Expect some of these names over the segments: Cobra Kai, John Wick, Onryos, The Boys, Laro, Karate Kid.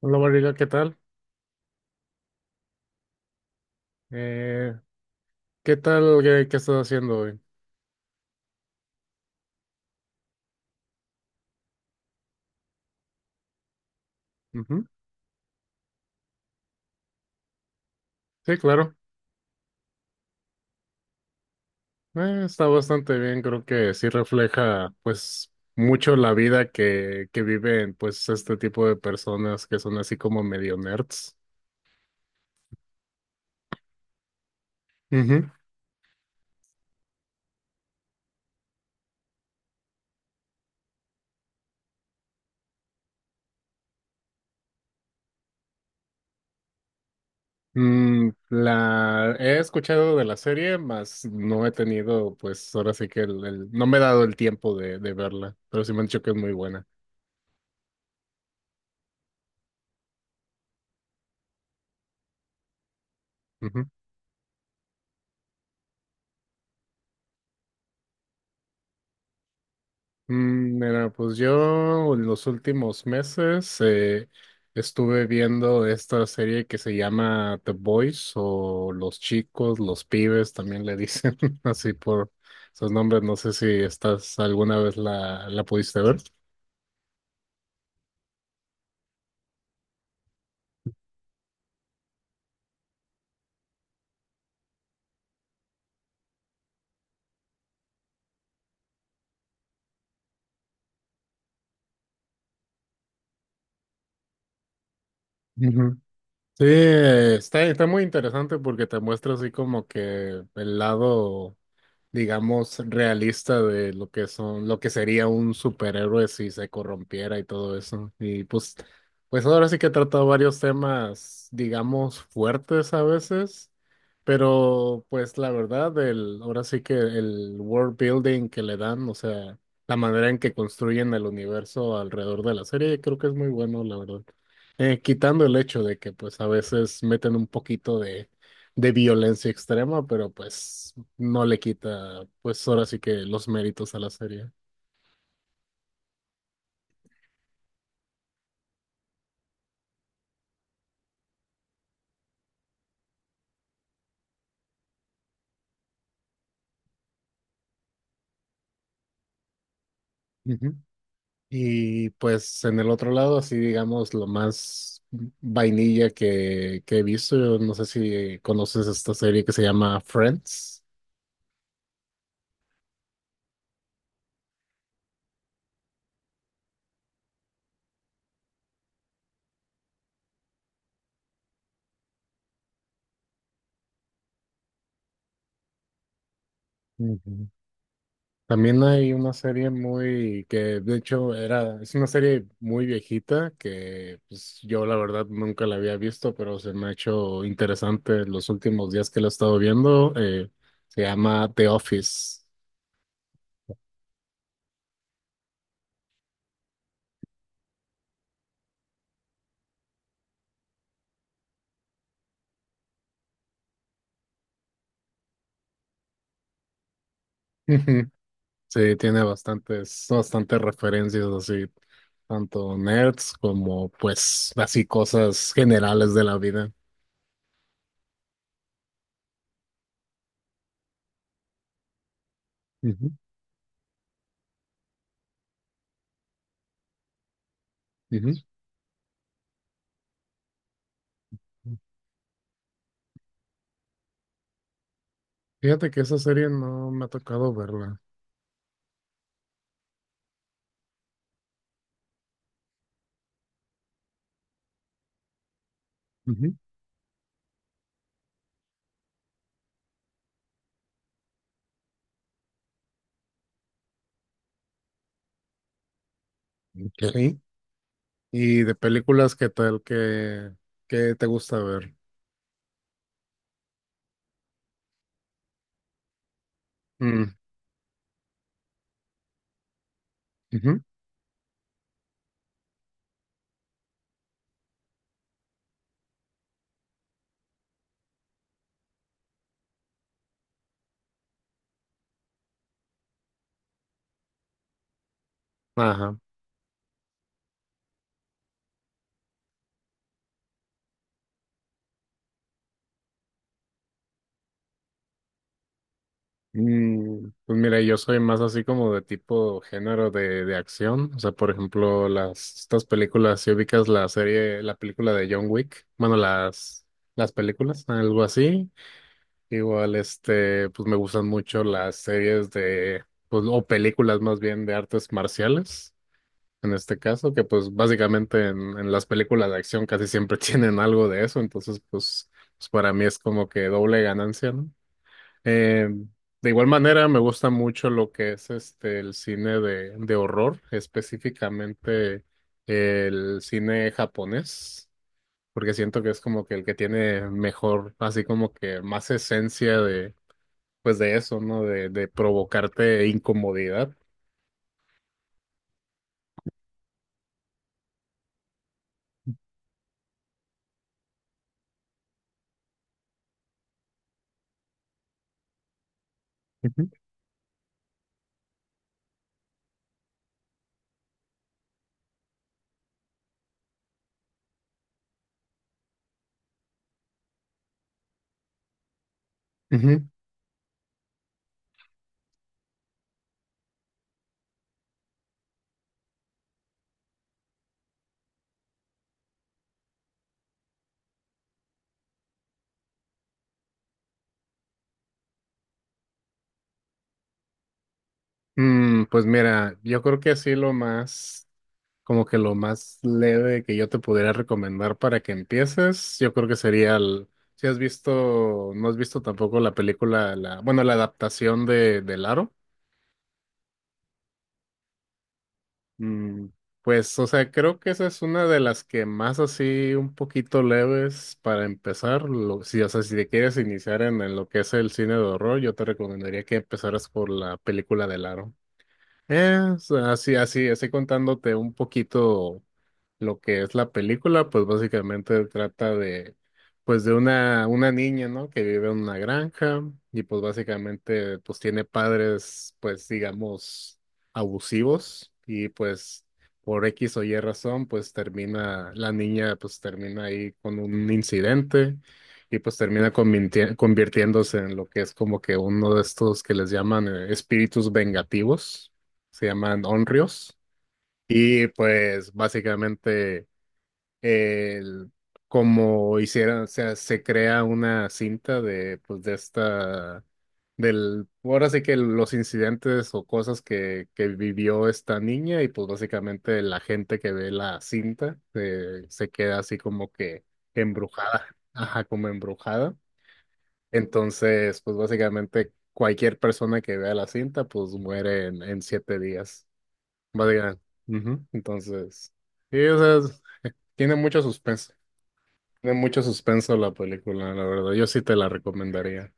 Hola María, ¿qué tal? Eh, ¿Qué tal? ¿Qué estás haciendo hoy? Ujú. Sí, claro. Está bastante bien, creo que sí refleja pues mucho la vida que viven pues este tipo de personas que son así como medio nerds. Ujú. Mm, la he escuchado de la serie, mas no he tenido pues ahora sí que no me he dado el tiempo de verla, pero sí me han dicho que es muy buena. Mm, mira, pues yo en los últimos meses estuve viendo esta serie que se llama The Boys o Los Chicos, Los Pibes, también le dicen así por esos nombres. No sé si estás alguna vez la pudiste ver. Ujú. Sí, está muy interesante porque te muestra así como que el lado, digamos, realista de lo que son, lo que sería un superhéroe si se corrompiera y todo eso. Y pues, pues ahora sí que he tratado varios temas, digamos, fuertes a veces, pero pues la verdad, el, ahora sí que el world building que le dan, o sea, la manera en que construyen el universo alrededor de la serie, creo que es muy bueno, la verdad. Quitando el hecho de que pues a veces meten un poquito de violencia extrema, pero pues no le quita, pues ahora sí que los méritos a la serie. Ujú. Y pues en el otro lado, así digamos, lo más vainilla que he visto, yo no sé si conoces esta serie que se llama Friends. Ujú. También hay una serie muy que de hecho era, es una serie muy viejita que pues yo la verdad nunca la había visto, pero se me ha hecho interesante los últimos días que la he estado viendo. Se llama The Office. Sí, tiene bastantes, bastantes referencias así, tanto nerds como pues así cosas generales de la vida. Ujú, ujú. Fíjate que esa serie no me ha tocado verla. Ujú. Ok. Y de películas, ¿qué tal? ¿Qué, qué te gusta ver? Mm, ujú. Ajá. Mm, pues mira, yo soy más así como de tipo género de acción. O sea, por ejemplo, las estas películas, si ubicas la serie, la película de John Wick, bueno, las películas, algo así. Igual, este, pues me gustan mucho las series de, pues, o películas más bien de artes marciales, en este caso, que pues básicamente en las películas de acción casi siempre tienen algo de eso. Entonces, pues, pues para mí es como que doble ganancia, ¿no? Eh, de igual manera, me gusta mucho lo que es este el cine de horror, específicamente el cine japonés, porque siento que es como que el que tiene mejor, así como que más esencia de, pues de eso, ¿no? De provocarte incomodidad. Ujú. Ujú. Mm, pues mira, yo creo que así lo más, como que lo más leve que yo te pudiera recomendar para que empieces, yo creo que sería el, si has visto, no has visto tampoco la película, la, bueno, la adaptación de Laro, mm, pues, o sea, creo que esa es una de las que más así un poquito leves para empezar, lo, si, o sea, si te quieres iniciar en lo que es el cine de horror, yo te recomendaría que empezaras por la película de Laro. Es así, así, así contándote un poquito lo que es la película, pues básicamente trata de, pues de una niña, ¿no? Que vive en una granja y pues básicamente pues tiene padres, pues digamos, abusivos y pues por X o Y razón, pues termina, la niña pues termina ahí con un incidente y pues termina convinti- convirtiéndose en lo que es como que uno de estos que les llaman espíritus vengativos, se llaman Onryos. Y pues básicamente el, como hicieron, o sea, se crea una cinta de pues de esta del ahora sí que los incidentes o cosas que vivió esta niña y pues básicamente la gente que ve la cinta se queda así como que embrujada, ajá, como embrujada. Entonces, pues básicamente cualquier persona que vea la cinta pues muere en 7 días. Básicamente. Ujú. Entonces, sí, o sea, es- tiene mucho suspenso. Tiene mucho suspenso la película, la verdad. Yo sí te la recomendaría.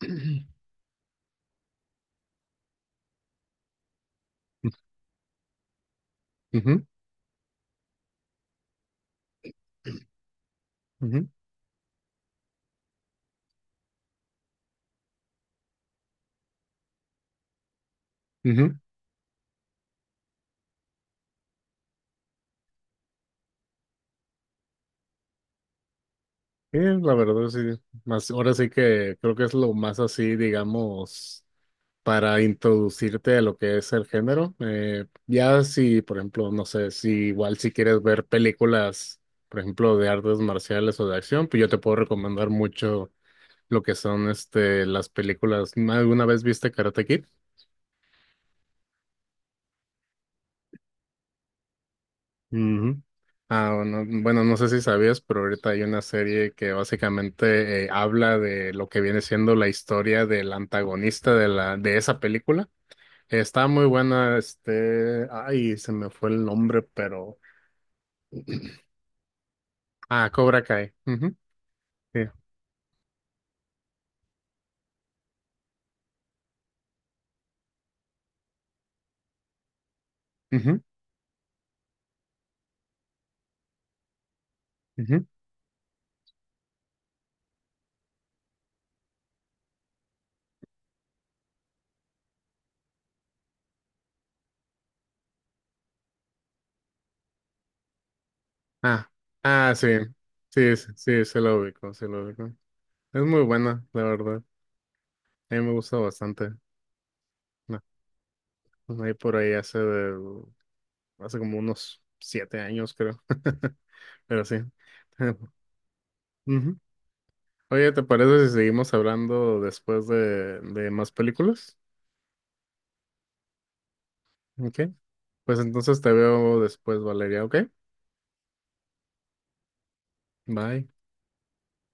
Ujú, ujú, ujú. Sí, la verdad, sí. Más, ahora sí que creo que es lo más así, digamos, para introducirte a lo que es el género. Ya si, por ejemplo, no sé, si igual si quieres ver películas, por ejemplo, de artes marciales o de acción, pues yo te puedo recomendar mucho lo que son este las películas. ¿Alguna vez viste Karate Kid? Ujú. Ah, bueno, bueno, no sé si sabías, pero ahorita hay una serie que básicamente habla de lo que viene siendo la historia del antagonista de la de esa película. Está muy buena, este, ay, se me fue el nombre, pero ah, Cobra Kai. Ujú, sí, ujú, ujú. Ah, ah, sí, sí, sí, sí, se lo ubico, se lo ubico. Es muy buena, la verdad. A mí me gusta bastante, pues, ahí por ahí hace, hace como unos 7 años, creo. Pero sí. Ujú. Oye, ¿te parece si seguimos hablando después de más películas? Ok. Pues entonces te veo después, Valeria, ¿ok? Bye.